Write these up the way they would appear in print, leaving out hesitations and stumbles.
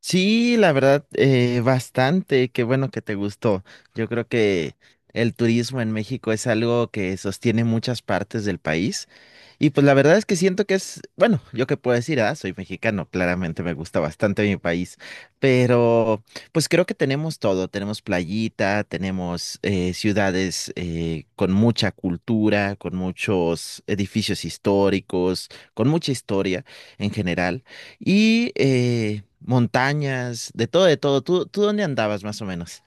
Sí, la verdad, bastante. Qué bueno que te gustó. Yo creo que el turismo en México es algo que sostiene muchas partes del país. Y pues la verdad es que siento que es, bueno, yo qué puedo decir, ah, soy mexicano, claramente me gusta bastante mi país, pero pues creo que tenemos todo, tenemos playita, tenemos ciudades con mucha cultura, con muchos edificios históricos, con mucha historia en general. Y montañas, de todo, de todo. ¿Tú dónde andabas más o menos?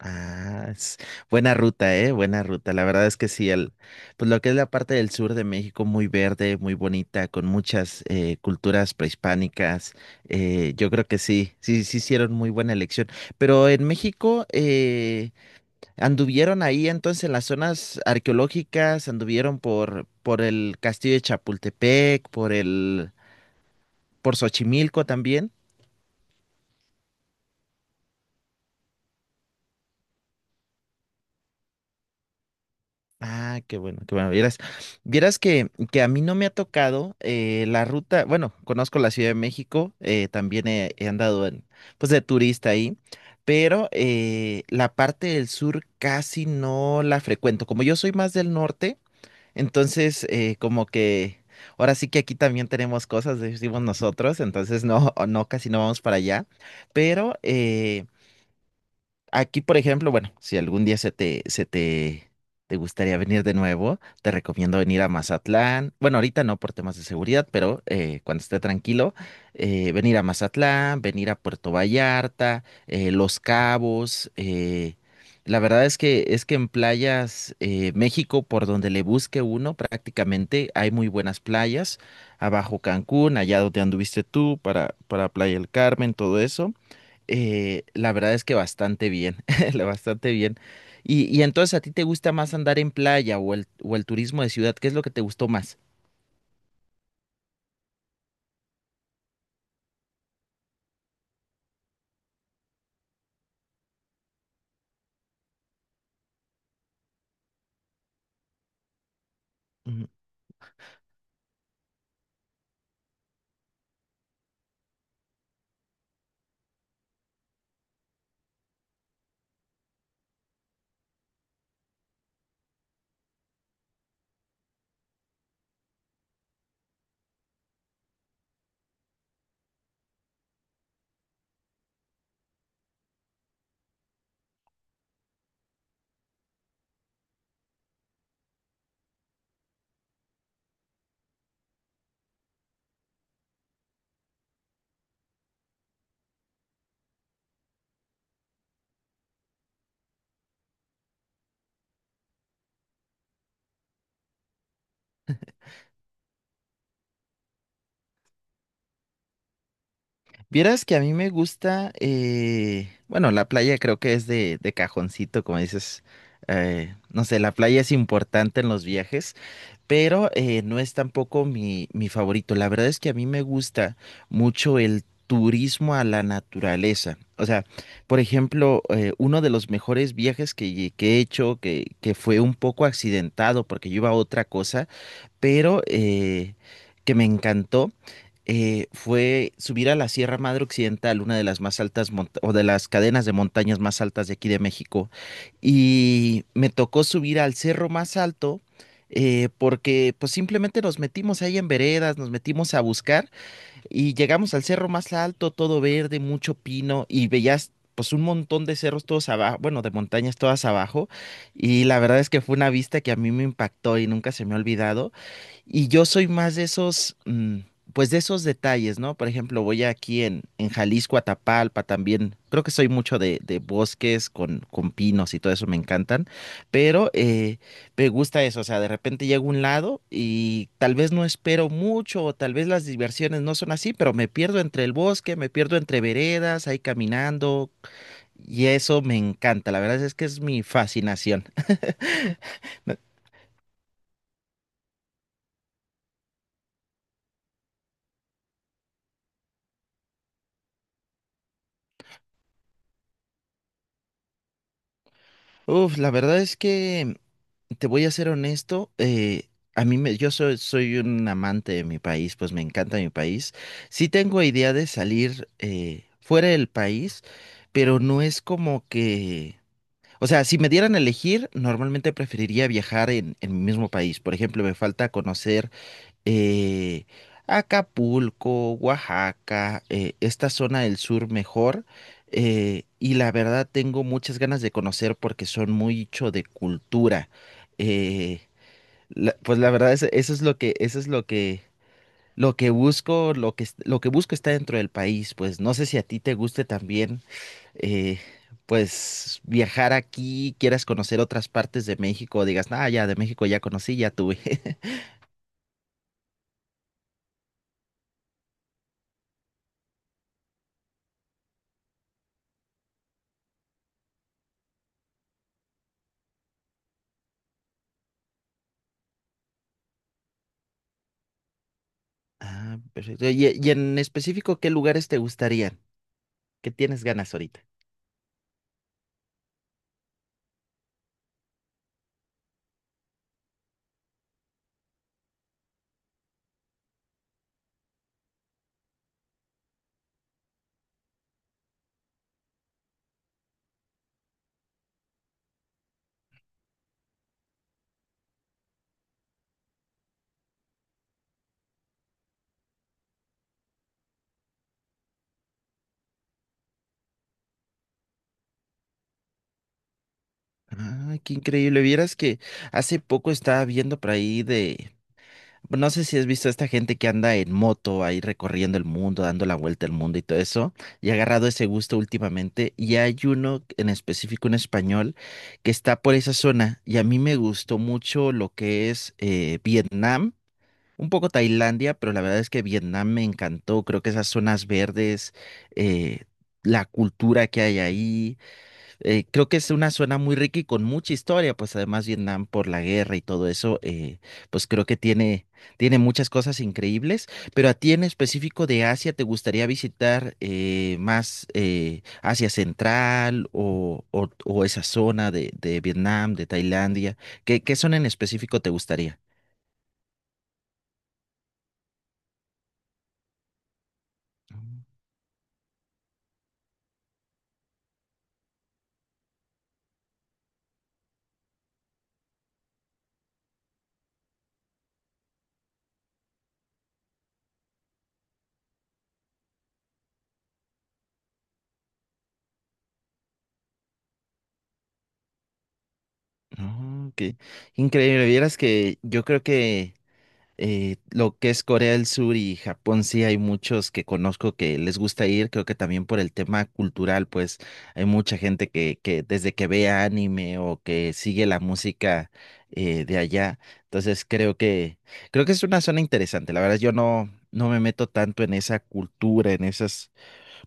Ah, es buena ruta, buena ruta. La verdad es que sí, pues lo que es la parte del sur de México, muy verde, muy bonita, con muchas culturas prehispánicas. Yo creo que sí, sí, sí hicieron muy buena elección. Pero en México, anduvieron ahí entonces en las zonas arqueológicas, anduvieron por el castillo de Chapultepec, por Xochimilco también. Ah, qué bueno, qué bueno. Vieras, vieras que a mí no me ha tocado la ruta, bueno, conozco la Ciudad de México, también he andado en, pues de turista ahí, pero la parte del sur casi no la frecuento. Como yo soy más del norte, entonces como que ahora sí que aquí también tenemos cosas, decimos nosotros, entonces no, no, casi no vamos para allá, pero aquí, por ejemplo, bueno, si algún día te gustaría venir de nuevo, te recomiendo venir a Mazatlán. Bueno, ahorita no por temas de seguridad, pero cuando esté tranquilo, venir a Mazatlán, venir a Puerto Vallarta, Los Cabos. La verdad es que en playas, México, por donde le busque uno, prácticamente hay muy buenas playas. Abajo Cancún, allá donde anduviste tú, para Playa del Carmen, todo eso. La verdad es que bastante bien, bastante bien. Y entonces, ¿a ti te gusta más andar en playa o el turismo de ciudad? ¿Qué es lo que te gustó más? Ujú. Vieras que a mí me gusta, bueno, la playa creo que es de cajoncito, como dices, no sé, la playa es importante en los viajes. Pero no es tampoco mi favorito. La verdad es que a mí me gusta mucho el turismo a la naturaleza. O sea, por ejemplo, uno de los mejores viajes que he hecho, que fue un poco accidentado porque yo iba a otra cosa, pero que me encantó, fue subir a la Sierra Madre Occidental, una de las más altas o de las cadenas de montañas más altas de aquí de México, y me tocó subir al cerro más alto. Porque pues simplemente nos metimos ahí en veredas, nos metimos a buscar y llegamos al cerro más alto, todo verde, mucho pino y veías pues un montón de cerros todos abajo, bueno, de montañas todas abajo, y la verdad es que fue una vista que a mí me impactó y nunca se me ha olvidado. Y yo soy más de esos, pues de esos detalles, ¿no? Por ejemplo, voy aquí en Jalisco, Atapalpa también. Creo que soy mucho de bosques con pinos y todo eso me encantan. Pero me gusta eso. O sea, de repente llego a un lado y tal vez no espero mucho, o tal vez las diversiones no son así, pero me pierdo entre el bosque, me pierdo entre veredas, ahí caminando. Y eso me encanta. La verdad es que es mi fascinación. Uf, la verdad es que. Te voy a ser honesto, a mí yo soy, soy un amante de mi país, pues me encanta mi país. Sí tengo idea de salir fuera del país, pero no es como que, o sea, si me dieran a elegir, normalmente preferiría viajar en mi mismo país. Por ejemplo, me falta conocer eh, Acapulco, Oaxaca, esta zona del sur mejor. Y la verdad tengo muchas ganas de conocer porque son mucho de cultura. eh, pues la verdad eso es lo eso es lo lo que busco, lo que busco está dentro del país. Pues no sé si a ti te guste también, eh, pues viajar aquí, quieras conocer otras partes de México, digas, ah, ya de México ya conocí, ya tuve. Ah, perfecto. Y en específico, ¿qué lugares te gustarían? ¿Qué tienes ganas ahorita? Ah, qué increíble. Vieras que hace poco estaba viendo por ahí de... No sé si has visto a esta gente que anda en moto ahí recorriendo el mundo, dando la vuelta al mundo y todo eso. Y he agarrado ese gusto últimamente. Y hay uno en específico, un español, que está por esa zona. Y a mí me gustó mucho lo que es Vietnam. Un poco Tailandia, pero la verdad es que Vietnam me encantó. Creo que esas zonas verdes, eh, la cultura que hay ahí, creo que es una zona muy rica y con mucha historia. Pues además Vietnam por la guerra y todo eso, pues creo que tiene, tiene muchas cosas increíbles. Pero a ti en específico de Asia, ¿te gustaría visitar más Asia Central o esa zona de Vietnam, de Tailandia? ¿Qué zona en específico te gustaría? Oh, qué increíble. Vieras que yo creo que lo que es Corea del Sur y Japón, sí hay muchos que conozco que les gusta ir. Creo que también por el tema cultural, pues hay mucha gente que desde que ve anime o que sigue la música de allá. Entonces creo creo que es una zona interesante. La verdad, yo no, no me meto tanto en esa cultura, en esas,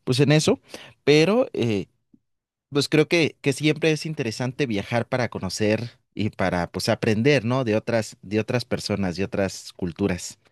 pues en eso, pero pues creo que siempre es interesante viajar para conocer y para pues aprender, ¿no? De otras personas, de otras culturas.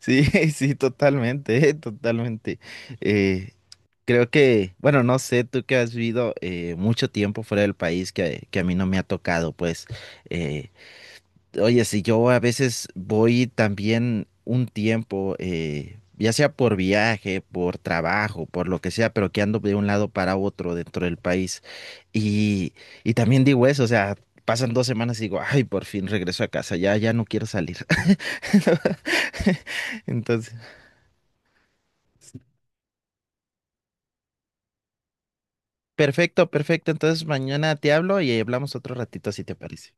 Sí, sí, totalmente, totalmente. Eh, Creo que, bueno, no sé, tú que has vivido mucho tiempo fuera del país que a mí no me ha tocado, pues, eh, oye, si yo a veces voy también un tiempo, ya sea por viaje, por trabajo, por lo que sea, pero que ando de un lado para otro dentro del país. Y, y también digo eso, o sea, pasan 2 semanas y digo, ay, por fin regreso a casa, ya, ya no quiero salir. Entonces, perfecto, perfecto. Entonces mañana te hablo y hablamos otro ratito si te parece.